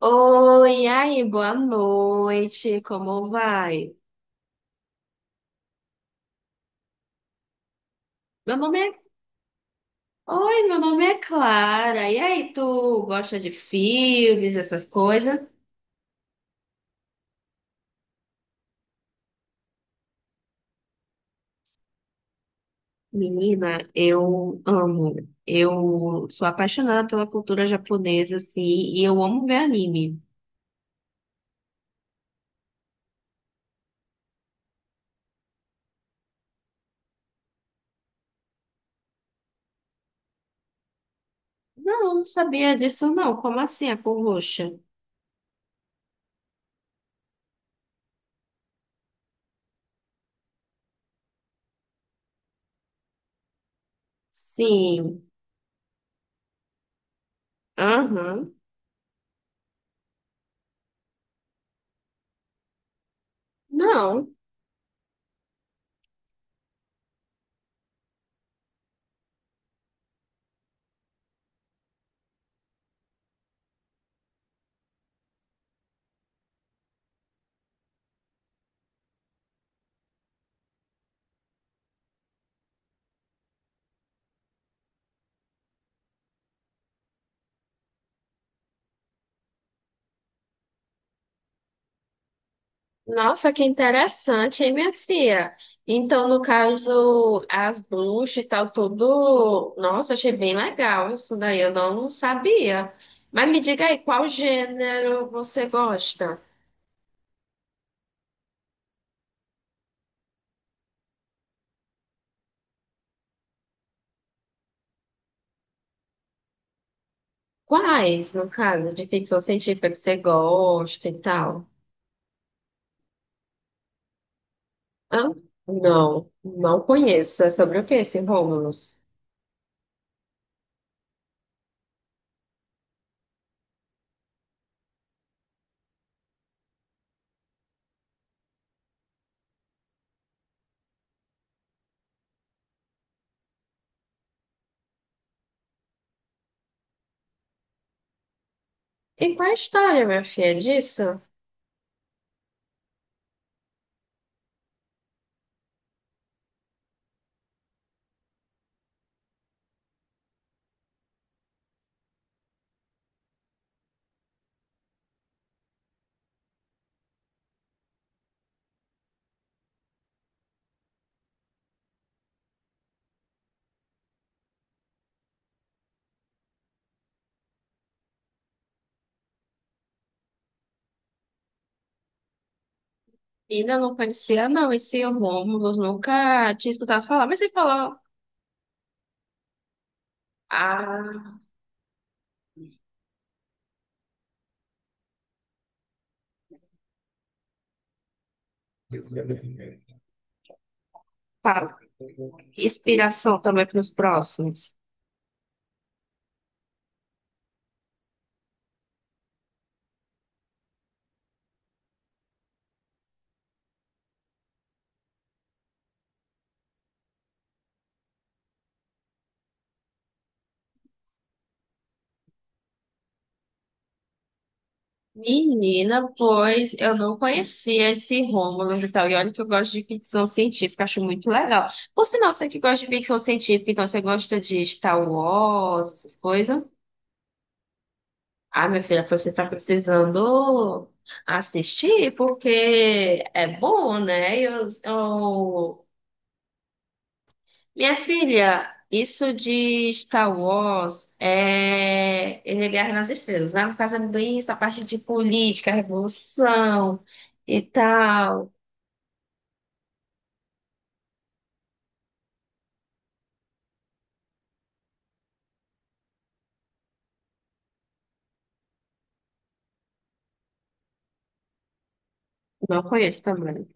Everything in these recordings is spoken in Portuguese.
Oi, e aí, boa noite, como vai? Meu nome é... Oi, meu nome é Clara. E aí, tu gosta de filmes, essas coisas? Menina, eu amo. Eu sou apaixonada pela cultura japonesa, assim, e eu amo ver anime. Não, não sabia disso, não. Como assim, a cor roxa? Sim. Aham. Não. Nossa, que interessante, hein, minha filha? Então, no caso, as bruxas e tal, tudo. Nossa, achei bem legal isso daí, eu não sabia. Mas me diga aí, qual gênero você gosta? Quais, no caso, de ficção científica que você gosta e tal? Hã? Não, não conheço. É sobre o que esse Romulus? E qual é a história, minha filha, disso? Ainda não conhecia, não. Esse Romulus nunca tinha escutado falar. Mas você falou. Ah. Fala. Inspiração também para os próximos. Menina, pois eu não conhecia esse Rômulo e tal. E olha que eu gosto de ficção científica, acho muito legal. Por sinal, você que gosta de ficção científica, então você gosta de Star Wars, essas coisas? Ah, minha filha, você tá precisando assistir, porque é bom, né? Eu Minha filha, isso de Star Wars é, ele é Guerra nas Estrelas, né? No caso é bem essa parte de política, revolução e tal. Não conheço também.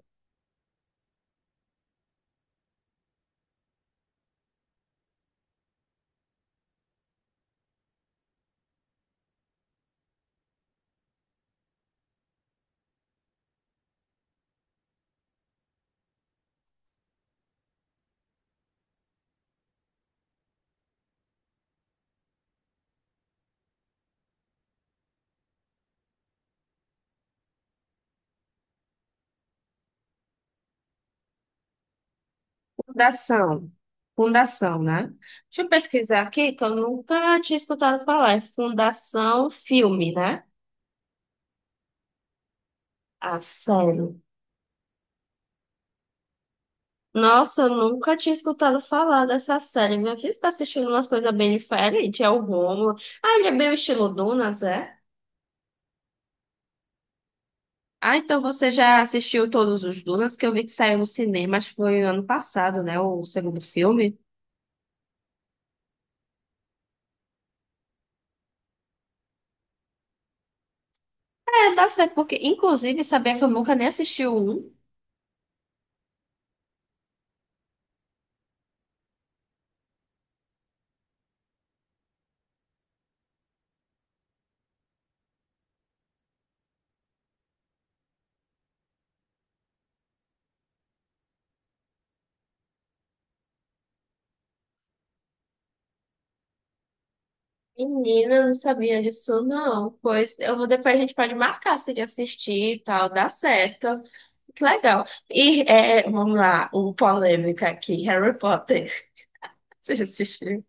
Fundação. Fundação, né? Deixa eu pesquisar aqui, que eu nunca tinha escutado falar. É Fundação Filme, né? A série. Nossa, eu nunca tinha escutado falar dessa série. Minha filha está assistindo umas coisas bem diferentes. É o Rômulo. Ah, ele é bem o estilo Dunas, é? Ah, então você já assistiu todos os Dunas, que eu vi que saiu no cinema, acho que foi ano passado, né? O segundo filme. É, dá certo, porque inclusive sabia que eu nunca nem assisti o um. Menina, eu não sabia disso, não. Pois eu vou, depois a gente pode marcar se de assistir e tal, dá certo. Que legal. E é, vamos lá, o polêmica aqui, Harry Potter. Você já assistiu?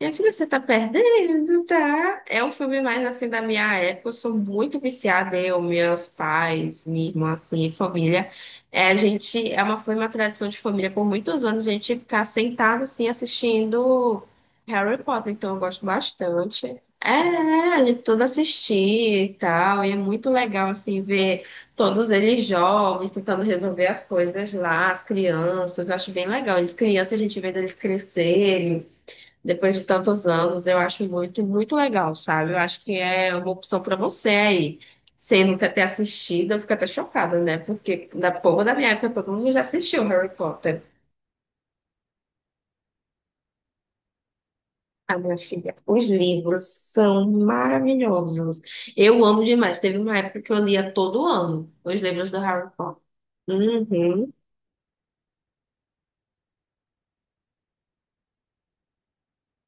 Minha filha, você tá perdendo, tá? É um filme mais assim da minha época. Eu sou muito viciada, eu, meus pais, minha irmã, assim, família. É, a gente, é uma, foi uma tradição de família por muitos anos, a gente ficar sentado assim assistindo Harry Potter, então eu gosto bastante. É, é, a gente tudo assistir e tal, e é muito legal assim ver todos eles jovens tentando resolver as coisas lá, as crianças, eu acho bem legal. As crianças, a gente vê eles crescerem depois de tantos anos, eu acho muito, muito legal, sabe? Eu acho que é uma opção para você aí. Sem nunca ter assistido, eu fico até chocada, né? Porque da povo da minha época todo mundo já assistiu Harry Potter. A minha filha, os livros são maravilhosos. Eu amo demais. Teve uma época que eu lia todo ano os livros do Harry Potter. Uhum,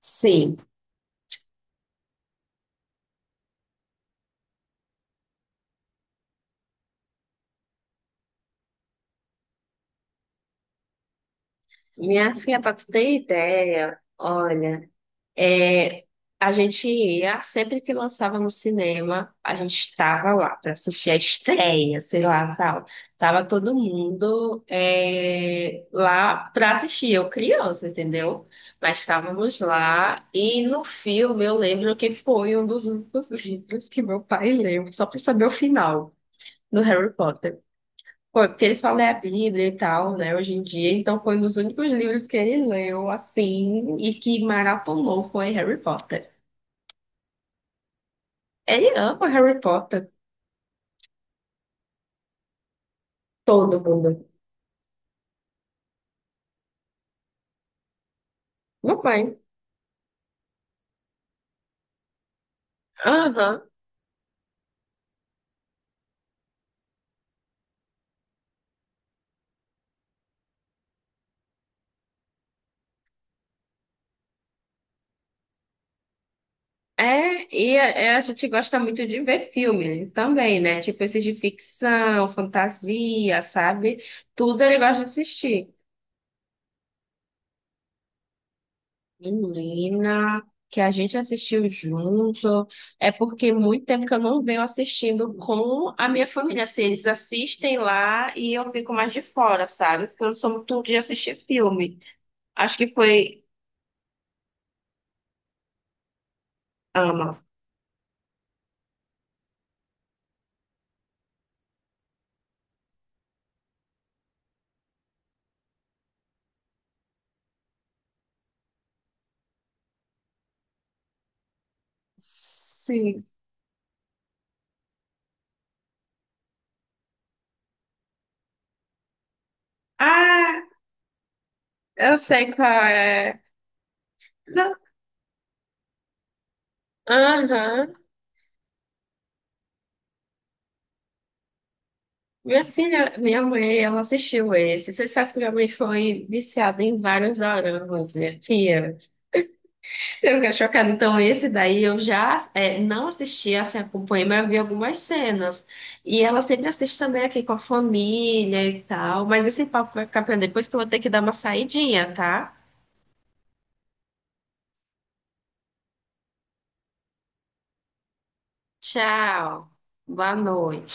sim. Minha filha, para tu ter ideia, olha. É, a gente ia, sempre que lançava no cinema, a gente estava lá para assistir a estreia, sei lá, tal. Tava todo mundo é, lá para assistir, eu criança, entendeu? Mas estávamos lá e no filme eu lembro que foi um dos únicos livros que meu pai leu, só para saber o final do Harry Potter. Foi, porque ele só lê a Bíblia e tal, né, hoje em dia, então foi um dos únicos livros que ele leu, assim, e que maratonou foi Harry Potter. Ele ama Harry Potter. Todo mundo. Meu pai. Aham. É, e a, é, a gente gosta muito de ver filme também, né? Tipo esses de ficção, fantasia, sabe? Tudo ele gosta de assistir. Menina, que a gente assistiu junto. É porque muito tempo que eu não venho assistindo com a minha família. Assim, eles assistem lá e eu fico mais de fora, sabe? Porque eu não sou muito de assistir filme. Acho que foi. Ama. Sim. Ah, eu sei qual é. Não. Aham. Minha filha, minha mãe, ela assistiu esse. Você sabe que minha mãe foi viciada em vários doramas, minha filha. Eu fiquei chocada. Então, esse daí eu já é, não assisti, assim, acompanhei, mas eu vi algumas cenas. E ela sempre assiste também aqui com a família e tal. Mas esse papo vai ficar pra depois que eu vou ter que dar uma saidinha, tá? Tchau. Boa noite.